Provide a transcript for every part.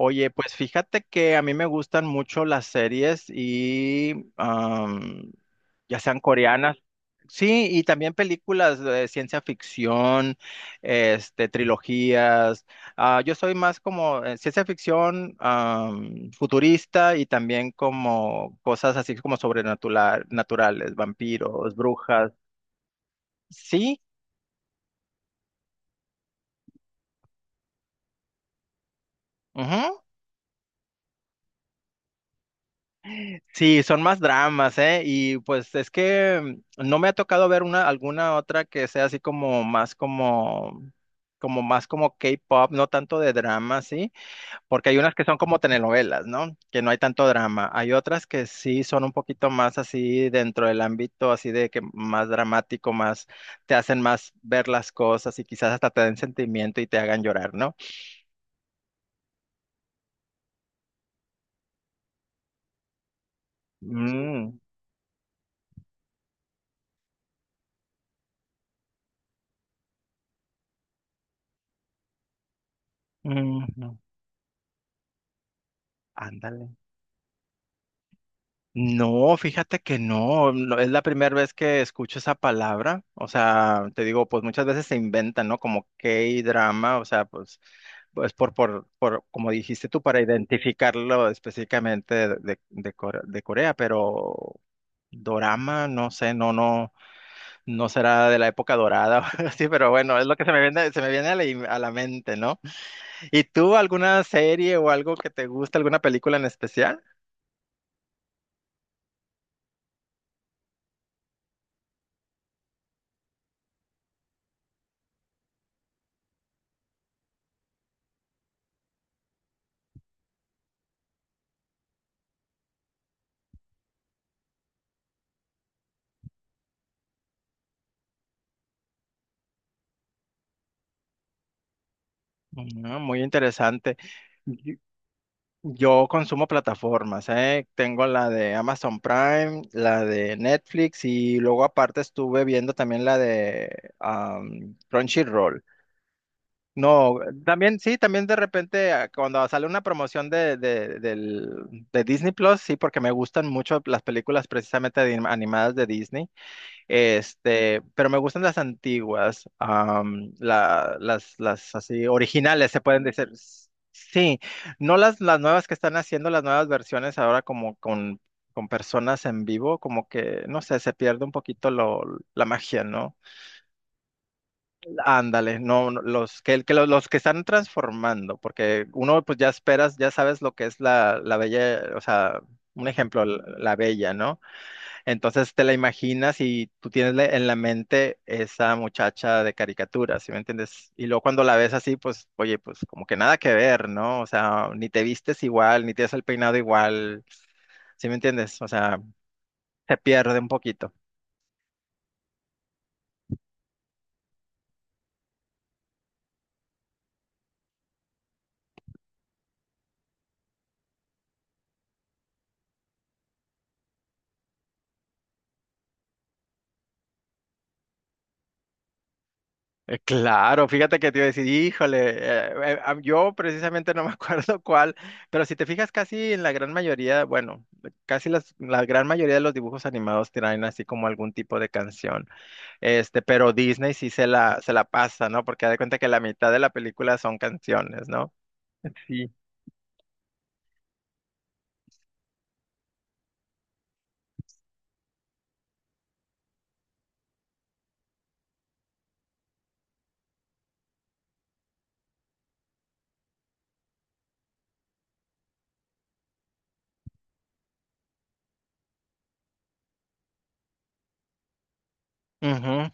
Oye, pues fíjate que a mí me gustan mucho las series y ya sean coreanas, sí, y también películas de ciencia ficción, este, trilogías. Ah, yo soy más como ciencia ficción futurista y también como cosas así como sobrenaturales, naturales, vampiros, brujas. Sí. Sí, son más dramas, ¿eh? Y pues es que no me ha tocado ver alguna otra que sea así como más como más como K-pop, no tanto de drama, ¿sí? Porque hay unas que son como telenovelas, ¿no? Que no hay tanto drama. Hay otras que sí son un poquito más así dentro del ámbito así de que más dramático, más te hacen más ver las cosas y quizás hasta te den sentimiento y te hagan llorar, ¿no? Mm, mm, no. Ándale. No, fíjate que no, no, es la primera vez que escucho esa palabra, o sea, te digo, pues muchas veces se inventan, ¿no? Como K-drama, o sea, pues, pues por, como dijiste tú, para identificarlo específicamente de Core- de Corea, pero dorama, no sé, no, no, no será de la época dorada, o algo así, pero bueno, es lo que se me viene a la, im- a la mente, ¿no? ¿Y tú alguna serie o algo que te gusta, alguna película en especial? Ah, muy interesante. Yo consumo plataformas, ¿eh? Tengo la de Amazon Prime, la de Netflix y luego aparte estuve viendo también la de Crunchyroll. No, también sí, también de repente cuando sale una promoción de Disney Plus, sí, porque me gustan mucho las películas precisamente de anim- animadas de Disney. Este, pero me gustan las antiguas, la- las así originales, se pueden decir. S- Sí, no las, las nuevas que están haciendo, las nuevas versiones ahora con personas en vivo, como que, no sé, se pierde un poquito lo, la magia, ¿no? Ándale, no, no, los que los que están transformando, porque uno pues ya esperas, ya sabes lo que es la, la bella, o sea, un ejemplo, la bella, ¿no? Entonces te la imaginas y tú tienes la- en la mente esa muchacha de caricatura, ¿sí me entiendes? Y luego cuando la ves así, pues, oye, pues como que nada que ver, ¿no? O sea, ni te vistes igual, ni tienes el peinado igual, ¿sí me entiendes? O sea, se pierde un poquito. Claro, fíjate que te iba a decir, híjole, a- yo precisamente no me acuerdo cuál, pero si te fijas casi en la gran mayoría, bueno, casi las- la gran mayoría de los dibujos animados traen así como algún tipo de canción. Este, pero Disney sí se la pasa, ¿no? Porque da de cuenta que la mitad de la película son canciones, ¿no? Sí. Ujú.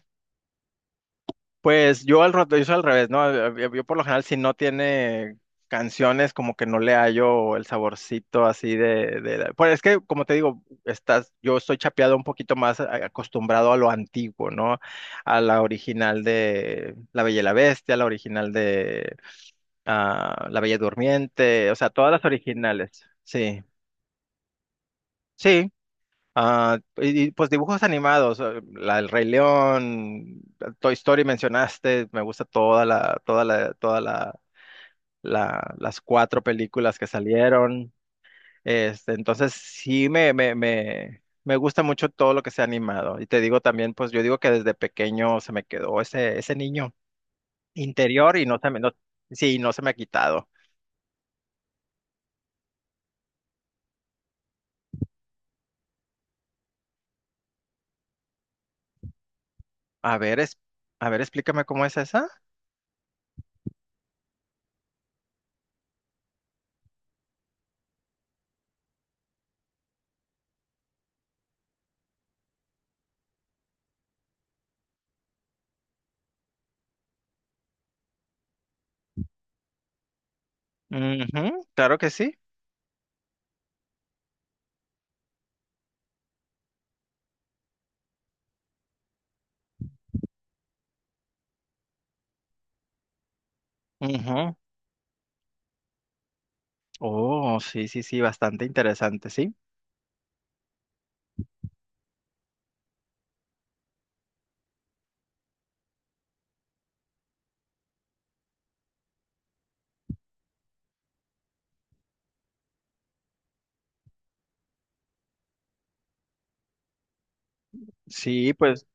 Pues yo al rato, yo soy al revés, ¿no? Yo por lo general si no tiene canciones como que no le hallo el saborcito así la- pues es que como te digo, estás, yo estoy chapeado un poquito más a- acostumbrado a lo antiguo, ¿no? A la original de La Bella y la Bestia, la original de La Bella Durmiente, o sea, todas las originales, sí. Sí. Ah, pues dibujos animados, El Rey León, Toy Story mencionaste, me gusta toda la- las 4 películas que salieron. Este, entonces sí me gusta mucho todo lo que sea animado. Y te digo también, pues yo digo que desde pequeño se me quedó ese niño interior y no se me, no, sí, no se me ha quitado. A ver, es, a ver, explícame cómo es esa. Ujú, claro que sí. Ujú. Oh, sí, sí, sí, bastante interesante, sí. Sí, pues,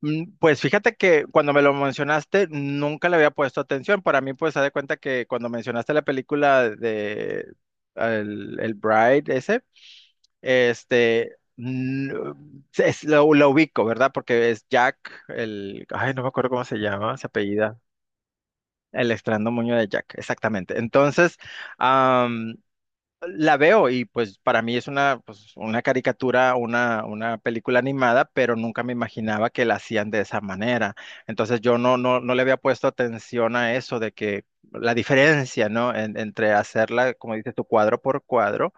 pues fíjate que cuando me lo mencionaste nunca le había puesto atención. Para mí, pues, haz de cuenta que cuando mencionaste la película de el Bride ese, este, no- es- lo ubico, ¿verdad? Porque es Jack, el, ay, no me acuerdo cómo se llama, se apellida, el extraño moño de Jack, exactamente. Entonces, am, la veo y pues para mí es una, pues, una caricatura, una película animada, pero nunca me imaginaba que la hacían de esa manera. Entonces yo no, no, no le había puesto atención a eso de que la diferencia, ¿no? En- entre hacerla, como dices tu cuadro por cuadro,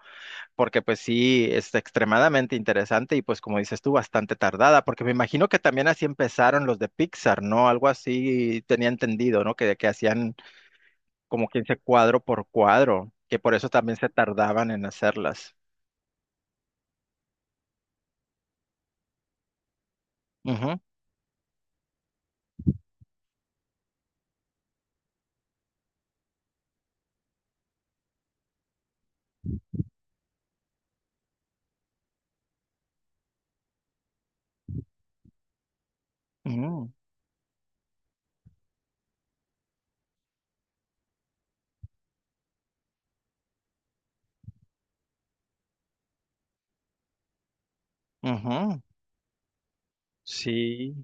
porque pues sí, es extremadamente interesante y pues como dices tú, bastante tardada, porque me imagino que también así empezaron los de Pixar, ¿no? Algo así tenía entendido, ¿no? Que hacían como 15 cuadro por cuadro, que por eso también se tardaban en hacerlas. Ujú, ujú, ujú. Sí,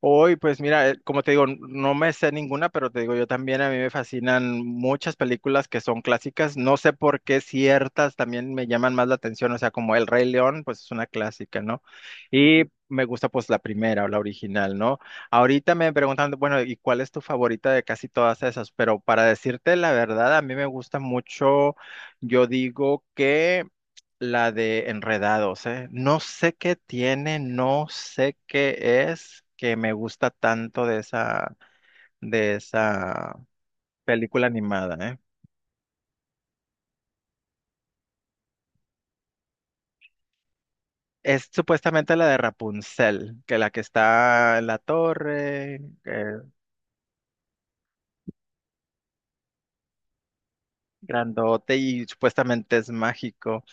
hoy pues mira, como te digo, n- no me sé ninguna, pero te digo, yo también a mí me fascinan muchas películas que son clásicas, no sé por qué ciertas también me llaman más la atención, o sea, como El Rey León, pues es una clásica, ¿no? Y me gusta pues la primera o la original, ¿no? Ahorita me preguntan, bueno, ¿y cuál es tu favorita de casi todas esas? Pero para decirte la verdad, a mí me gusta mucho, yo digo que la de Enredados, ¿eh? No sé qué tiene, no sé qué es que me gusta tanto de esa película animada, ¿eh? Es supuestamente la de Rapunzel, que la que está en la torre, eh, grandote y supuestamente es mágico,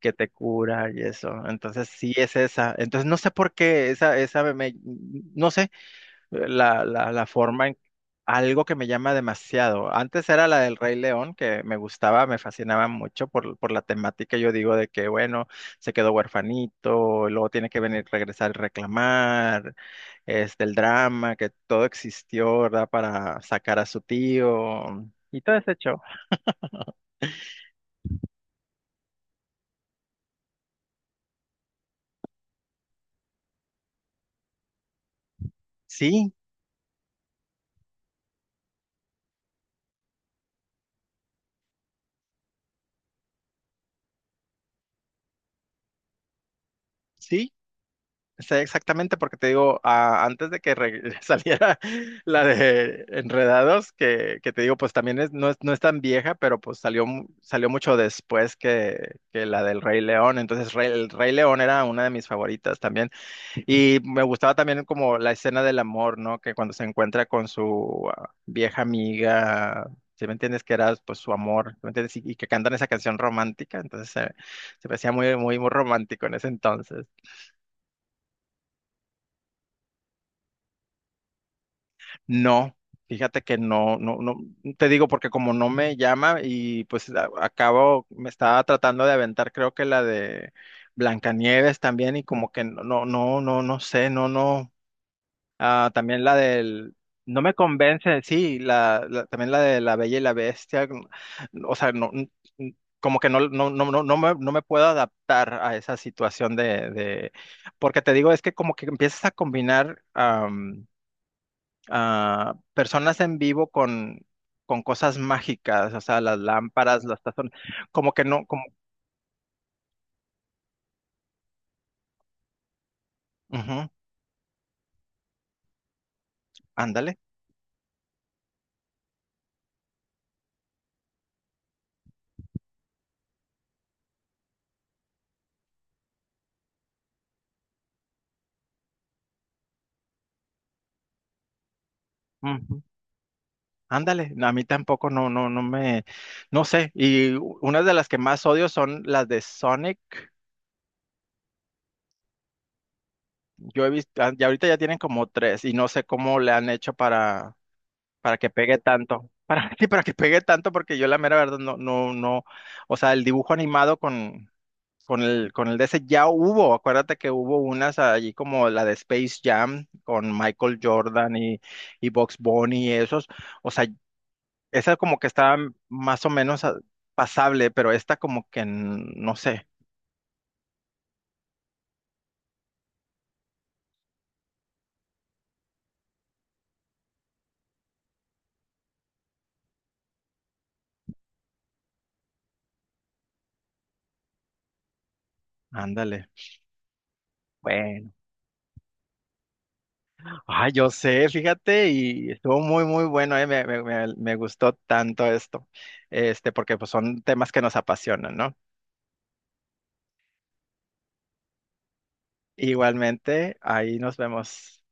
que te cura y eso. Entonces sí es esa. Entonces no sé por qué esa, esa me, me- no sé, la forma en algo que me llama demasiado. Antes era la del Rey León, que me gustaba, me fascinaba mucho por la temática. Yo digo de que, bueno, se quedó huerfanito, luego tiene que venir, regresar y reclamar, este, el drama, que todo existió, ¿verdad? Para sacar a su tío y todo ese show. Sí, sí, sé exactamente porque te digo, antes de que re- saliera la de Enredados, que te digo, pues también es, no es, no es tan vieja, pero pues salió, mu- salió mucho después que la del Rey León. Entonces, Rey- el Rey León era una de mis favoritas también. Y me gustaba también como la escena del amor, ¿no? Que cuando se encuentra con su vieja amiga. ¿Sí me entiendes que era pues su amor, ¿sí me entiendes? Y que cantan esa canción romántica, entonces se me hacía muy, muy, muy romántico en ese entonces. No, fíjate que no, no, no, te digo porque como no me llama y pues a- acabo, me estaba tratando de aventar, creo que la de Blancanieves también y como que no, no, no, no, no sé, no, no, también la del, no me convence, sí, la- también la de La Bella y la Bestia, mm, o sea, no, n- n- como que no, no, no, no, no me, no me puedo adaptar a esa situación porque te digo, es que como que empiezas a combinar, personas en vivo con cosas mágicas, o sea, las lámparas, las tazones, como que no, como, ujú, ándale, ujú, ándale, no, a mí tampoco, no, no, no me, no sé, y u- una de las que más odio son las de Sonic, yo he visto, y ahorita ya tienen como 3, y no sé cómo le han hecho para que pegue tanto. Para, sí, para que pegue tanto, porque yo la mera verdad no, no, no, o sea, el dibujo animado con el de ese ya hubo, acuérdate que hubo unas allí como la de Space Jam con Michael Jordan y Bugs Bunny y esos, o sea, esa como que estaba más o menos pasable, pero esta como que n- no sé, ándale. Ah, yo sé, fíjate, y estuvo muy, muy bueno, me gustó tanto esto, este, porque pues son temas que nos apasionan, ¿no? Igualmente, ahí nos vemos.